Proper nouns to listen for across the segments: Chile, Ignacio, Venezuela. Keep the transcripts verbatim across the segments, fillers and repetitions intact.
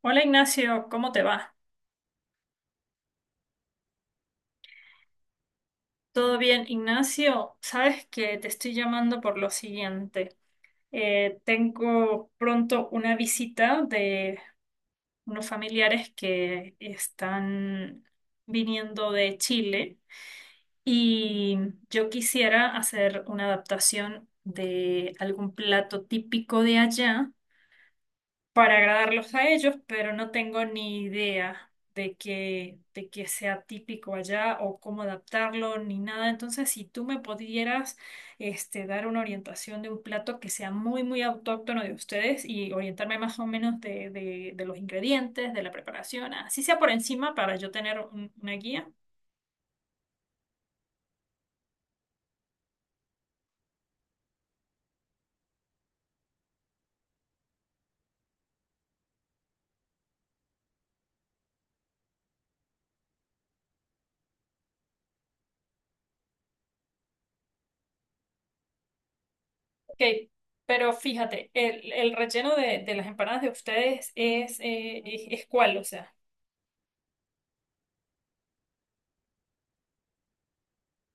Hola Ignacio, ¿cómo te va? ¿Todo bien, Ignacio? Sabes que te estoy llamando por lo siguiente. Eh, tengo pronto una visita de unos familiares que están viniendo de Chile y yo quisiera hacer una adaptación de algún plato típico de allá para agradarlos a ellos, pero no tengo ni idea de que, de que sea típico allá o cómo adaptarlo ni nada. Entonces, si tú me pudieras este, dar una orientación de un plato que sea muy, muy autóctono de ustedes y orientarme más o menos de, de, de los ingredientes, de la preparación, así sea por encima para yo tener un- una guía. Ok, Pero fíjate, el, el relleno de, de las empanadas de ustedes es, eh, es, es cuál, o sea.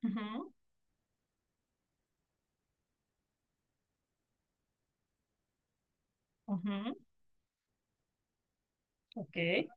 Ujú, ujú, ok.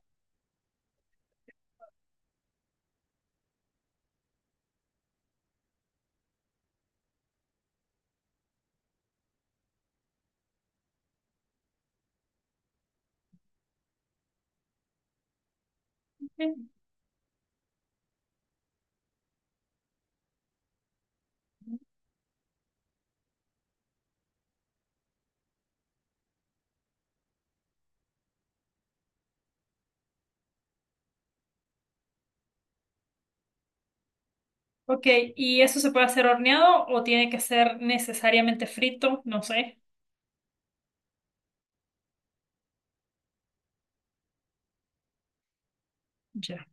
Ok, ¿y eso se puede hacer horneado o tiene que ser necesariamente frito? No sé. Ya.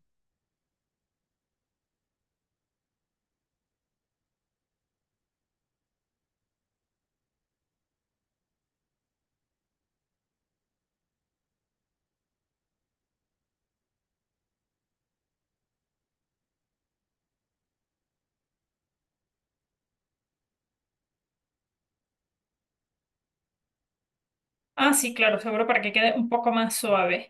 Ah, sí, claro, seguro para que quede un poco más suave.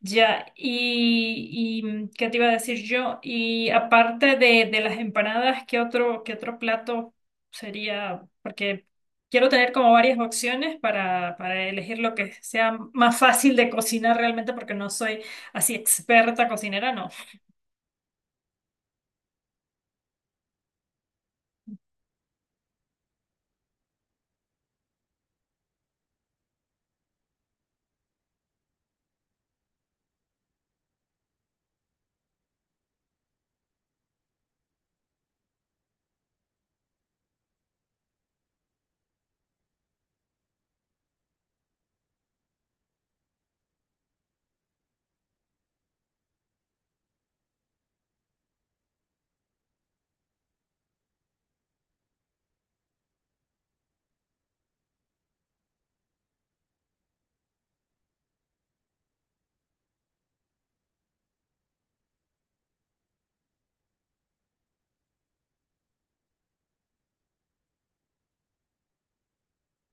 Ya, y, y, mm, ¿qué te iba a decir yo? Y aparte de, de las empanadas, ¿qué otro, qué otro plato sería? Porque quiero tener como varias opciones para, para elegir lo que sea más fácil de cocinar realmente, porque no soy así experta cocinera, no.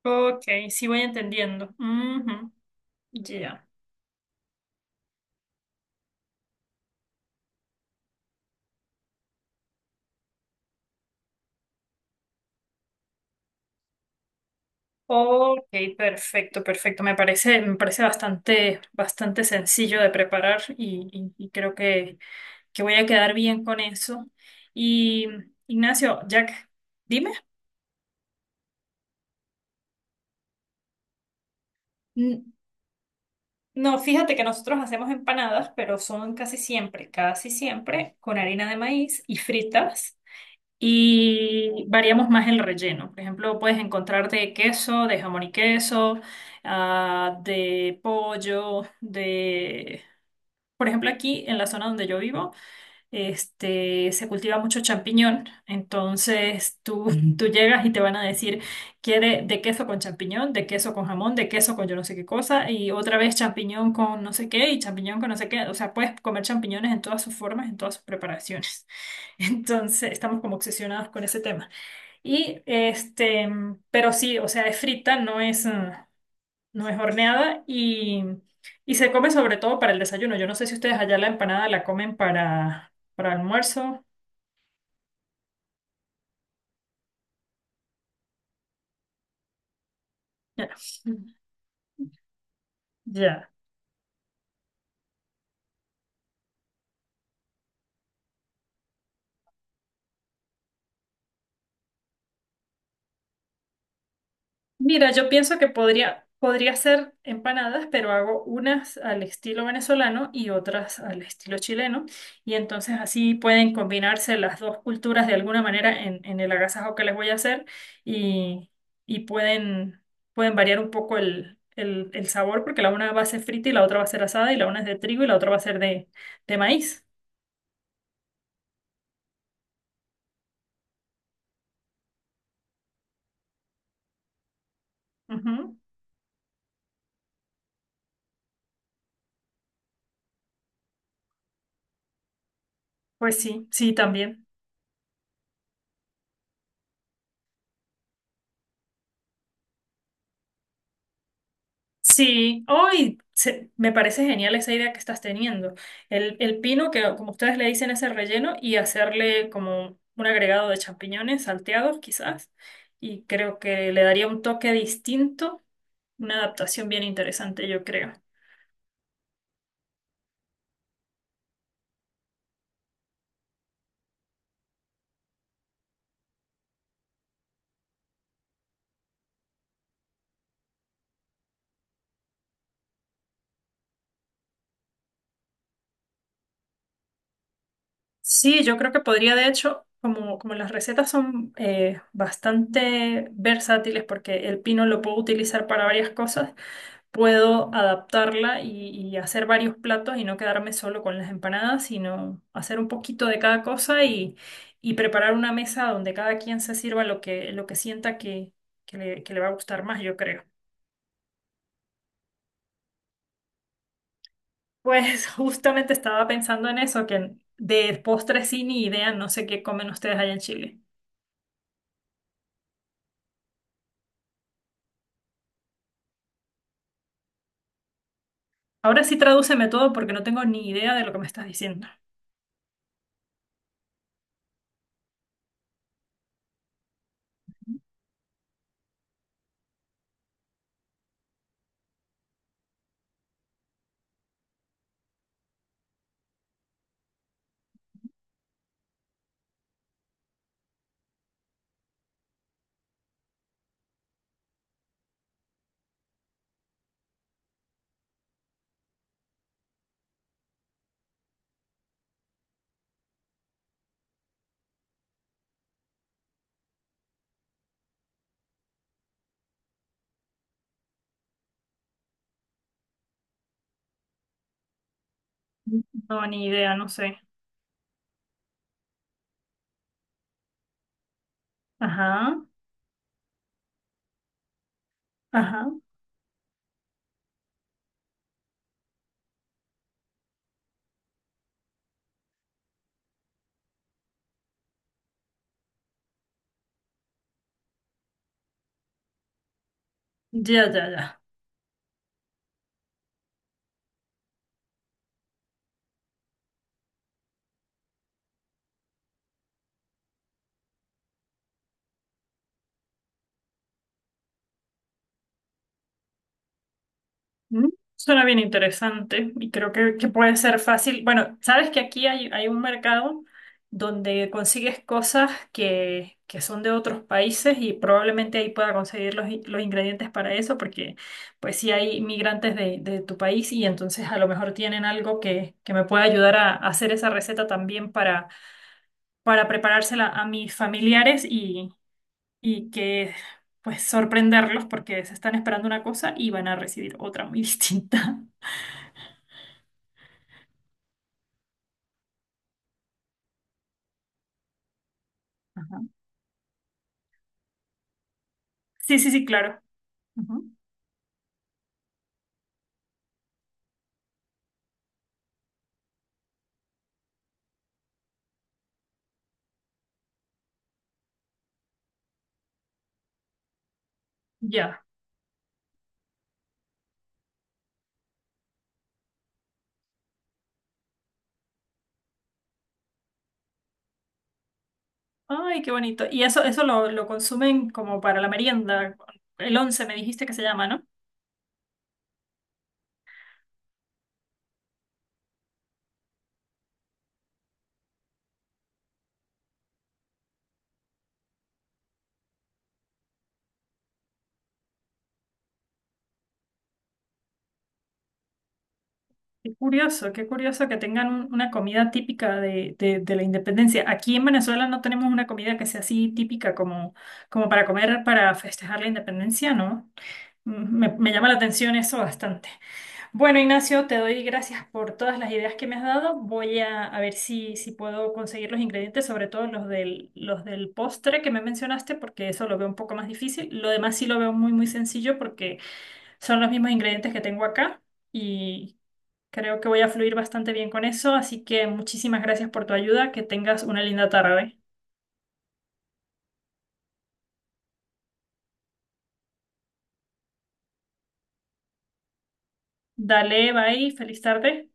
Ok, sí voy entendiendo. Ujú, Ya. Ok, perfecto, perfecto. Me parece, me parece bastante, bastante sencillo de preparar y, y- y creo que, que voy a quedar bien con eso. Y Ignacio, Jack, dime. N- No, fíjate que nosotros hacemos empanadas, pero son casi siempre, casi siempre con harina de maíz y fritas. Y variamos más el relleno. Por ejemplo, puedes encontrar de queso, de jamón y queso, ah, de pollo, de Por ejemplo, aquí en la zona donde yo vivo, este, se cultiva mucho champiñón. Entonces tú, Ujú. tú llegas y te van a decir, quiere de queso con champiñón, de queso con jamón, de queso con yo no sé qué cosa, y otra vez champiñón con no sé qué y champiñón con no sé qué. O sea, puedes comer champiñones en todas sus formas, en todas sus preparaciones. Entonces estamos como obsesionados con ese tema. Y este, pero sí, o sea, es frita, no es. mm, no es horneada y, y se come sobre todo para el desayuno. Yo no sé si ustedes allá la empanada la comen para, para almuerzo. Ya. Ya. Mira, yo pienso que podría, podría hacer empanadas, pero hago unas al estilo venezolano y otras al estilo chileno. Y entonces así pueden combinarse las dos culturas de alguna manera en, en el agasajo que les voy a hacer y, y pueden, pueden variar un poco el, el, el sabor porque la una va a ser frita y la otra va a ser asada y la una es de trigo y la otra va a ser de, de maíz. Ujú. Pues sí, sí, también. Sí, hoy se- me parece genial esa idea que estás teniendo. El, el pino, que como ustedes le dicen, es el relleno, y hacerle como un agregado de champiñones salteados, quizás. Y creo que le daría un toque distinto, una adaptación bien interesante, yo creo. Sí, yo creo que podría, de hecho, como, como las recetas son eh, bastante versátiles, porque el pino lo puedo utilizar para varias cosas, puedo adaptarla y, y hacer varios platos y no quedarme solo con las empanadas, sino hacer un poquito de cada cosa y, y preparar una mesa donde cada quien se sirva lo que, lo que sienta que, que le, que le va a gustar más, yo creo. Pues justamente estaba pensando en eso, que de postres sí ni idea, no sé qué comen ustedes allá en Chile. Ahora sí tradúceme todo porque no tengo ni idea de lo que me estás diciendo. No, ni idea, no sé. Ajá, ajá. Ya, ya, ya. Mm, Suena bien interesante y creo que, que puede ser fácil. Bueno, sabes que aquí hay, hay un mercado donde consigues cosas que, que son de otros países y probablemente ahí pueda conseguir los, in- los ingredientes para eso porque pues si hay migrantes de, de tu país y entonces a lo mejor tienen algo que, que me pueda ayudar a, a hacer esa receta también para, para preparársela a mis familiares y, y que pues sorprenderlos porque se están esperando una cosa y van a recibir otra muy distinta. Ajá. Sí, sí, sí, claro. Ujú. Ya. Ay, qué bonito. Y eso, eso lo, lo consumen como para la merienda. El once me dijiste que se llama, ¿no? Qué curioso, qué curioso que tengan un- una comida típica de, de, de la independencia. Aquí en Venezuela no tenemos una comida que sea así típica como, como para comer, para festejar la independencia, ¿no? Mm, Me, me llama la atención eso bastante. Bueno, Ignacio, te doy gracias por todas las ideas que me has dado. Voy a, a ver si, si puedo conseguir los ingredientes, sobre todo los del, los del postre que me mencionaste, porque eso lo veo un poco más difícil. Lo demás sí lo veo muy, muy sencillo porque son los mismos ingredientes que tengo acá y creo que voy a fluir bastante bien con eso. Así que muchísimas gracias por tu ayuda. Que tengas una linda tarde. Dale, bye, feliz tarde.